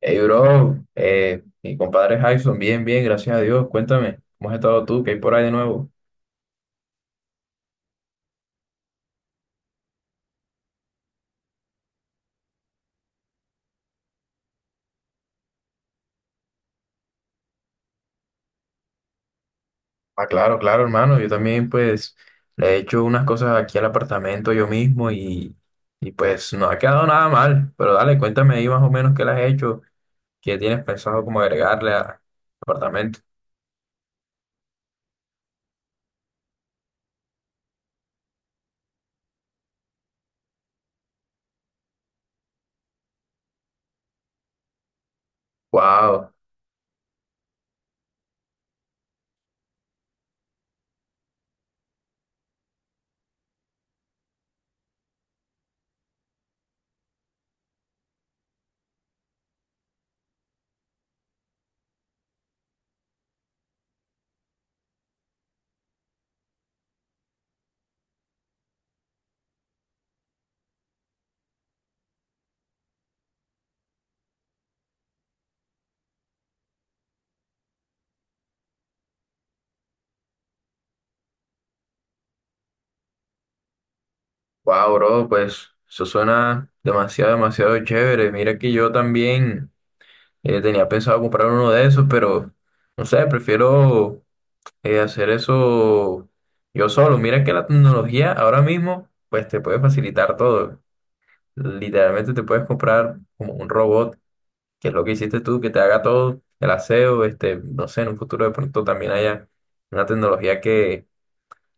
Hey, bro, mi compadre Jackson, bien, bien, gracias a Dios. Cuéntame, ¿cómo has estado tú? ¿Qué hay por ahí de nuevo? Ah, claro, claro, hermano. Yo también, pues, le he hecho unas cosas aquí al apartamento yo mismo y pues, no ha quedado nada mal. Pero dale, cuéntame ahí más o menos qué le has hecho, qué tienes pensado como agregarle a- al apartamento. Wow, wow, bro, pues, eso suena demasiado, demasiado chévere. Mira que yo también tenía pensado comprar uno de esos, pero, no sé, prefiero hacer eso yo solo. Mira que la tecnología ahora mismo, pues te puede facilitar todo. Literalmente te puedes comprar como un robot, que es lo que hiciste tú, que te haga todo el aseo, este, no sé, en un futuro de pronto también haya una tecnología que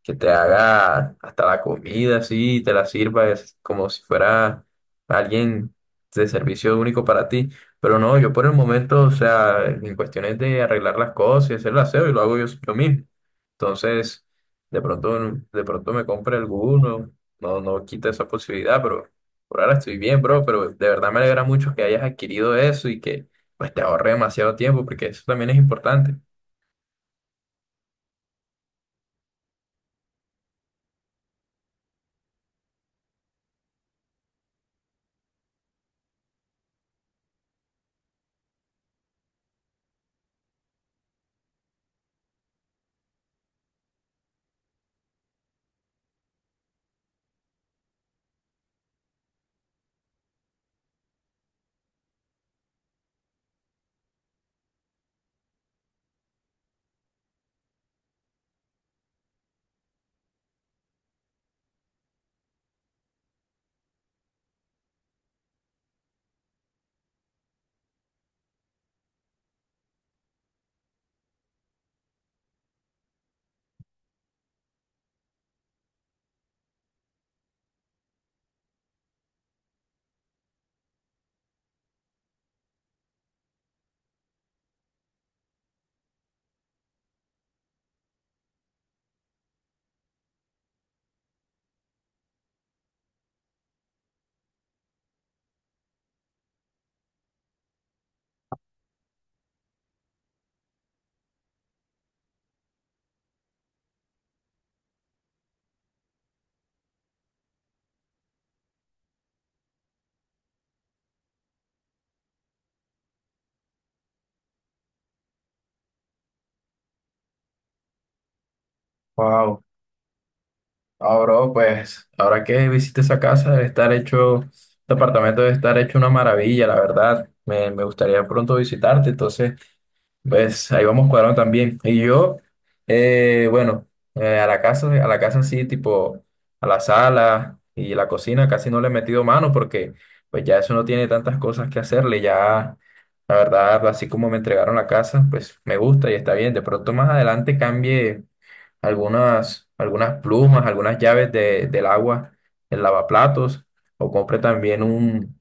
que te haga hasta la comida así, y te la sirva es como si fuera alguien de servicio único para ti. Pero no, yo por el momento, o sea, en cuestiones de arreglar las cosas y hacer el aseo, y lo hago yo, yo mismo. Entonces, de pronto, de pronto me compre alguno, no, no quita esa posibilidad, pero por ahora estoy bien, bro, pero de verdad me alegra mucho que hayas adquirido eso y que pues te ahorre demasiado tiempo, porque eso también es importante. Wow. Ah, bro, pues ahora que visité esa casa, debe estar hecho, este apartamento debe estar hecho una maravilla, la verdad. Me gustaría pronto visitarte, entonces, pues ahí vamos cuadrando también. Y yo, bueno, a la casa sí, tipo, a la sala y la cocina casi no le he metido mano porque, pues ya eso no tiene tantas cosas que hacerle, ya, la verdad, así como me entregaron la casa, pues me gusta y está bien. De pronto más adelante cambie algunas, algunas plumas, algunas llaves de- del agua, el lavaplatos, o compre también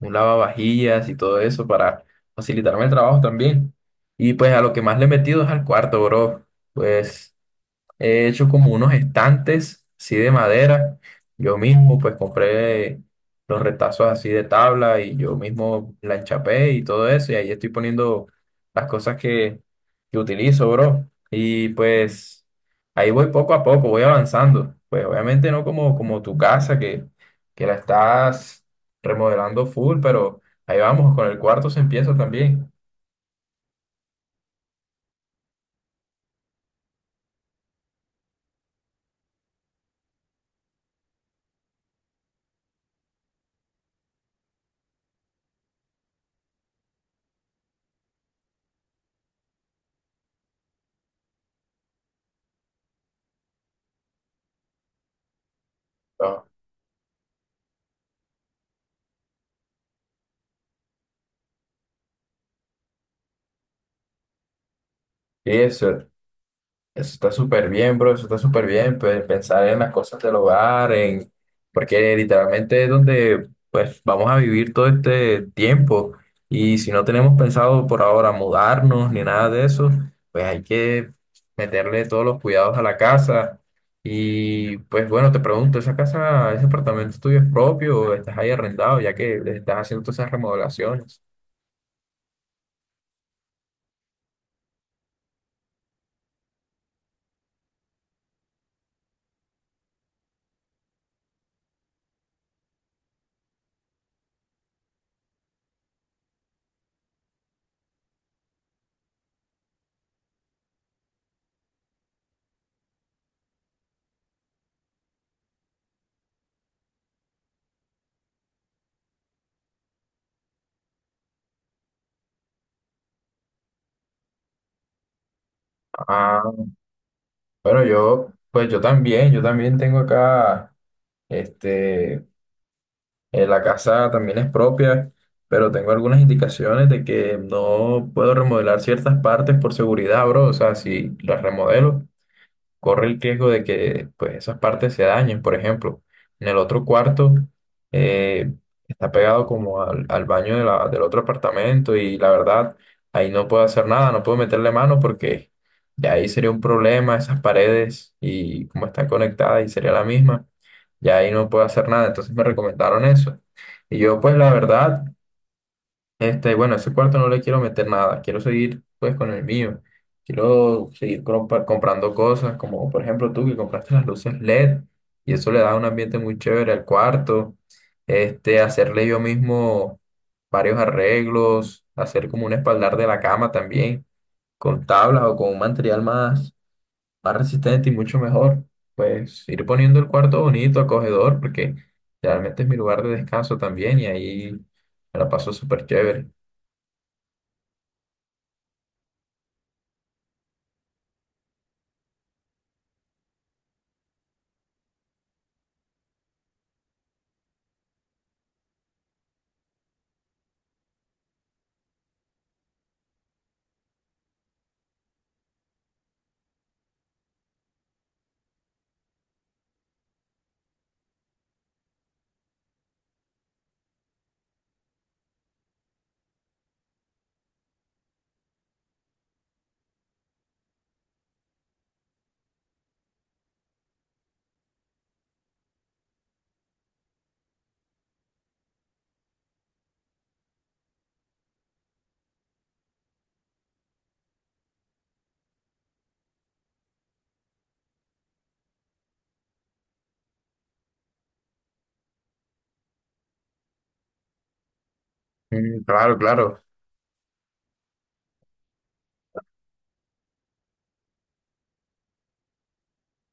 un lavavajillas y todo eso para facilitarme el trabajo también. Y pues a lo que más le he metido es al cuarto, bro. Pues he hecho como unos estantes, así de madera. Yo mismo, pues compré los retazos así de tabla y yo mismo la enchapé y todo eso. Y ahí estoy poniendo las cosas que utilizo, bro. Y pues ahí voy poco a poco, voy avanzando. Pues obviamente no como, como tu casa que la estás remodelando full, pero ahí vamos, con el cuarto se empieza también. Ah, sí, eso. Eso está súper bien, bro, eso está súper bien, pues, pensar en las cosas del hogar, en porque literalmente es donde pues vamos a vivir todo este tiempo y si no tenemos pensado por ahora mudarnos ni nada de eso, pues hay que meterle todos los cuidados a la casa y pues bueno, te pregunto, ¿esa casa, ese apartamento tuyo es propio o estás ahí arrendado ya que le estás haciendo todas esas remodelaciones? Ah, bueno, yo pues yo también tengo acá este la casa también es propia, pero tengo algunas indicaciones de que no puedo remodelar ciertas partes por seguridad, bro. O sea, si las remodelo, corre el riesgo de que pues, esas partes se dañen. Por ejemplo, en el otro cuarto eh, está pegado como al, al baño de la- del otro apartamento y la verdad ahí no puedo hacer nada, no puedo meterle mano porque ya ahí sería un problema esas paredes y cómo están conectadas y sería la misma. Ya ahí no puedo hacer nada, entonces me recomendaron eso. Y yo pues la verdad... Este, bueno, ese cuarto no le quiero meter nada, quiero seguir pues con el mío. Quiero seguir compa- comprando cosas, como por ejemplo tú que compraste las luces LED y eso le da un ambiente muy chévere al cuarto. Este, hacerle yo mismo varios arreglos, hacer como un espaldar de la cama también, con tablas o con un material más, más resistente y mucho mejor. Pues ir poniendo el cuarto bonito, acogedor, porque realmente es mi lugar de descanso también y ahí me la paso súper chévere. Mm, claro, claro.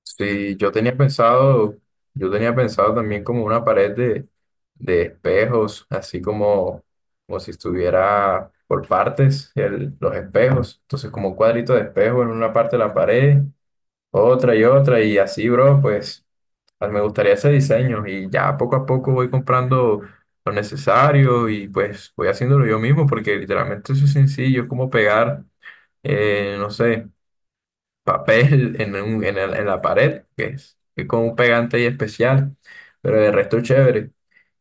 Sí, yo tenía pensado también como una pared de espejos, así como, como si estuviera por partes el- los espejos. Entonces, como un cuadrito de espejo en una parte de la pared, otra y otra, y así, bro, pues a mí me gustaría ese diseño. Y ya poco a poco voy comprando lo necesario y pues voy haciéndolo yo mismo, porque literalmente eso es sencillo, es como pegar, no sé. Papel en, un- en, el- en la pared, que es con un pegante ahí especial, pero de resto chévere.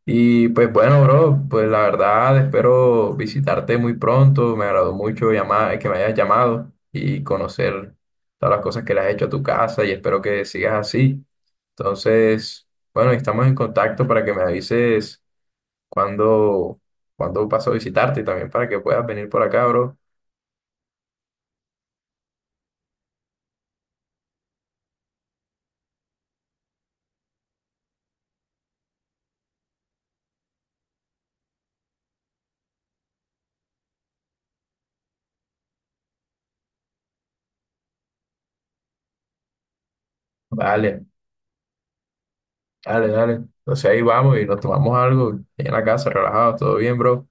Y pues bueno, bro, pues la verdad espero visitarte muy pronto. Me agradó mucho llamar, que me hayas llamado y conocer todas las cosas que le has hecho a tu casa y espero que sigas así. Entonces, bueno, estamos en contacto para que me avises cuando cuando paso a visitarte y también para que puedas venir por acá, bro. Vale. Dale, dale. Entonces ahí vamos y nos tomamos algo en la casa, relajados, todo bien, bro.